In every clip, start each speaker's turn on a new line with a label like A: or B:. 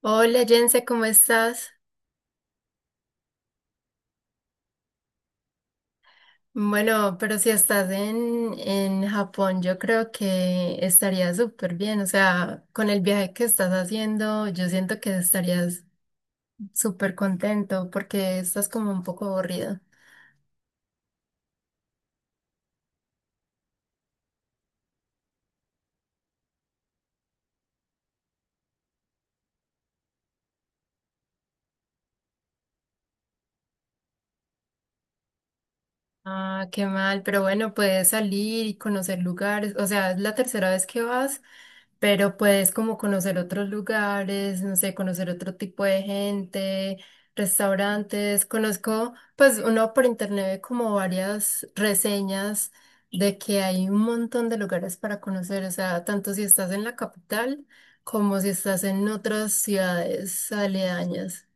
A: Hola Jense, ¿cómo estás? Bueno, pero si estás en Japón, yo creo que estaría súper bien. O sea, con el viaje que estás haciendo, yo siento que estarías súper contento porque estás como un poco aburrido. Ah, qué mal, pero bueno, puedes salir y conocer lugares, o sea, es la tercera vez que vas, pero puedes como conocer otros lugares, no sé, conocer otro tipo de gente, restaurantes. Conozco, pues uno por internet ve como varias reseñas de que hay un montón de lugares para conocer, o sea, tanto si estás en la capital como si estás en otras ciudades aledañas.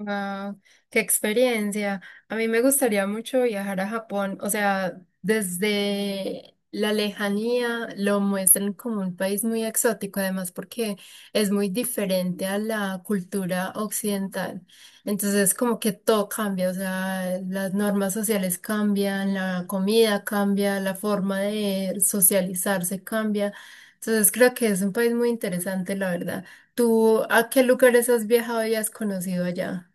A: Wow, qué experiencia. A mí me gustaría mucho viajar a Japón. O sea, desde la lejanía lo muestran como un país muy exótico, además porque es muy diferente a la cultura occidental. Entonces, como que todo cambia, o sea, las normas sociales cambian, la comida cambia, la forma de socializarse cambia. Entonces, creo que es un país muy interesante, la verdad. ¿Tú a qué lugares has viajado y has conocido allá?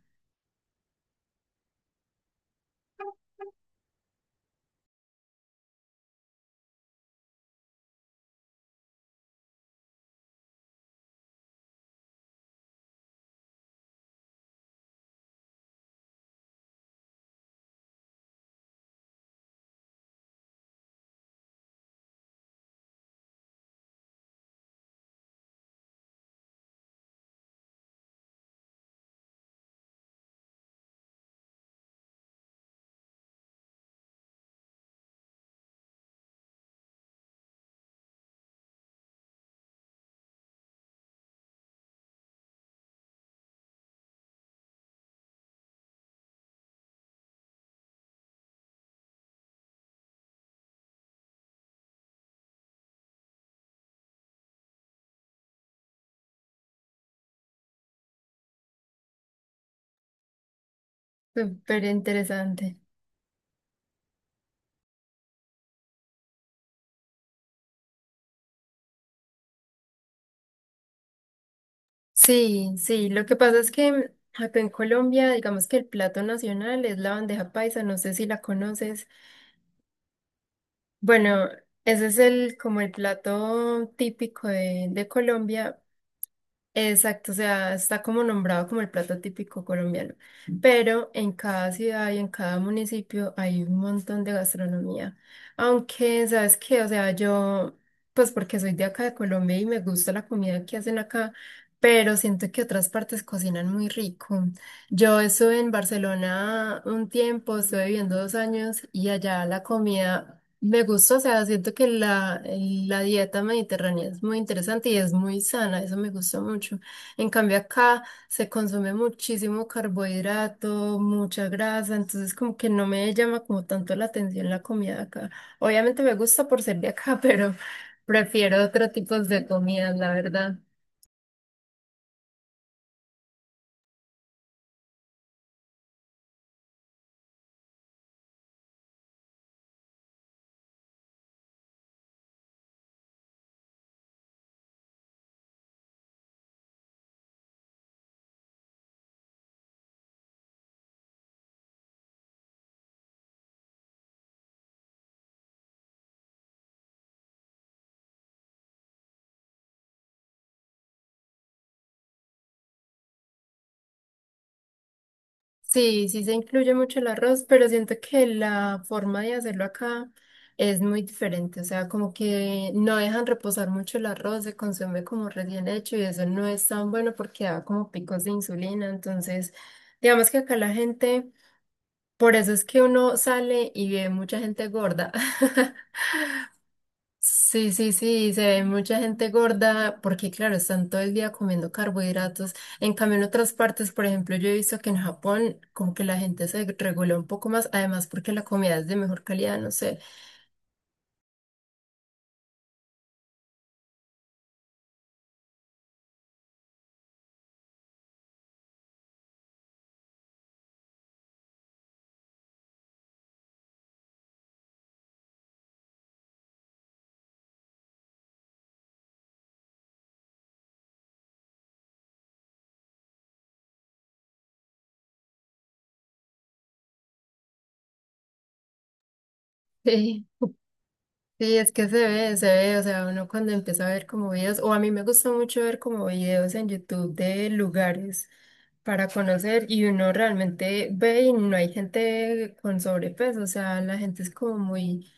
A: Súper interesante. Sí, sí, lo que pasa es que acá en Colombia, digamos que el plato nacional es la bandeja paisa, no sé si la conoces. Bueno, ese es el como el plato típico de Colombia. Exacto, o sea, está como nombrado como el plato típico colombiano, pero en cada ciudad y en cada municipio hay un montón de gastronomía. Aunque, ¿sabes qué? O sea, yo, pues porque soy de acá de Colombia y me gusta la comida que hacen acá, pero siento que otras partes cocinan muy rico. Yo estuve en Barcelona un tiempo, estuve viviendo 2 años y allá la comida me gusta, o sea, siento que la dieta mediterránea es muy interesante y es muy sana, eso me gusta mucho. En cambio acá se consume muchísimo carbohidrato, mucha grasa, entonces como que no me llama como tanto la atención la comida de acá. Obviamente me gusta por ser de acá, pero prefiero otro tipo de comida, la verdad. Sí, sí se incluye mucho el arroz, pero siento que la forma de hacerlo acá es muy diferente. O sea, como que no dejan reposar mucho el arroz, se consume como recién hecho y eso no es tan bueno porque da como picos de insulina. Entonces, digamos que acá la gente, por eso es que uno sale y ve mucha gente gorda. Sí, sí, sí, se ve mucha gente gorda porque, claro, están todo el día comiendo carbohidratos. En cambio, en otras partes, por ejemplo, yo he visto que en Japón como que la gente se regula un poco más, además porque la comida es de mejor calidad, no sé. Sí. Sí, es que se ve, o sea, uno cuando empieza a ver como videos, o a mí me gusta mucho ver como videos en YouTube de lugares para conocer y uno realmente ve y no hay gente con sobrepeso, o sea, la gente es como muy.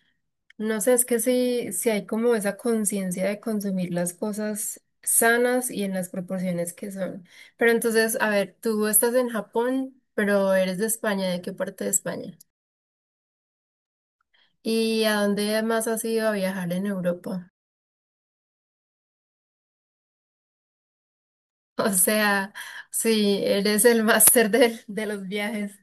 A: No sé, es que sí, sí hay como esa conciencia de consumir las cosas sanas y en las proporciones que son. Pero entonces, a ver, tú estás en Japón, pero eres de España, ¿de qué parte de España? ¿Y a dónde más has ido a viajar en Europa? O sea, sí, eres el máster de los viajes.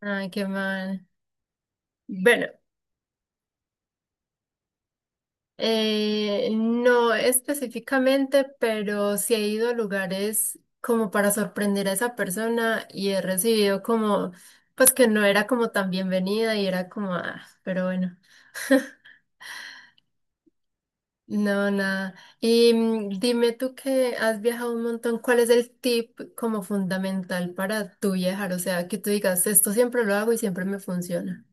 A: Ay, qué mal. Bueno, eh, no específicamente, pero sí he ido a lugares como para sorprender a esa persona y he recibido como, pues que no era como tan bienvenida y era como, ah, pero bueno, no, nada. Y dime tú que has viajado un montón, ¿cuál es el tip como fundamental para tú viajar? O sea, que tú digas, esto siempre lo hago y siempre me funciona.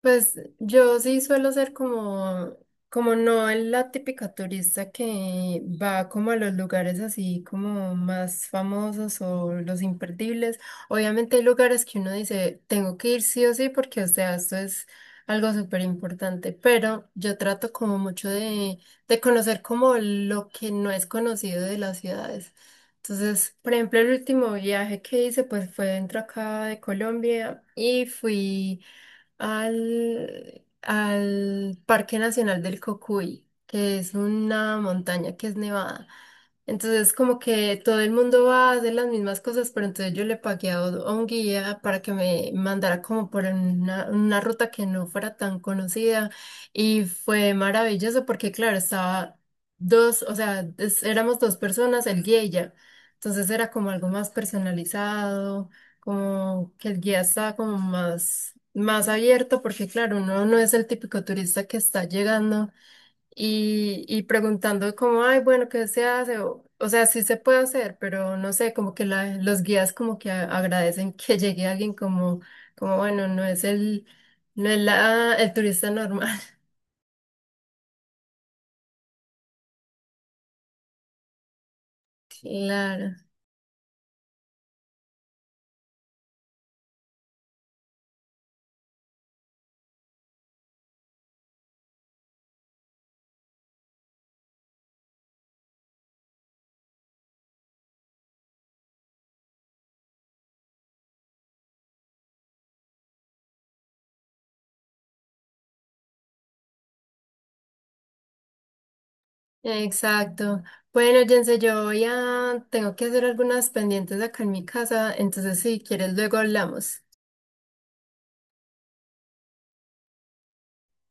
A: Pues yo sí suelo ser como, como no la típica turista que va como a los lugares así como más famosos o los imperdibles. Obviamente hay lugares que uno dice, tengo que ir sí o sí porque, o sea, esto es algo súper importante, pero yo trato como mucho de, conocer como lo que no es conocido de las ciudades. Entonces, por ejemplo, el último viaje que hice pues fue dentro acá de Colombia y fui al Parque Nacional del Cocuy, que es una montaña que es nevada. Entonces, como que todo el mundo va a hacer las mismas cosas, pero entonces yo le pagué a un guía para que me mandara como por una ruta que no fuera tan conocida y fue maravilloso porque, claro, estaba dos, o sea, éramos dos personas, el guía y yo. Entonces era como algo más personalizado, como que el guía estaba como más, más abierto porque, claro, uno no es el típico turista que está llegando y preguntando como, ay, bueno, ¿qué se hace? O sea, sí se puede hacer, pero no sé, como que los guías como que agradecen que llegue alguien como, como bueno, no es el, no es la, el turista normal. Claro, exacto. Bueno, Jense, yo voy a, tengo que hacer algunas pendientes acá en mi casa, entonces si quieres luego hablamos.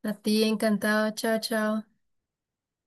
A: A ti, encantado, chao, chao.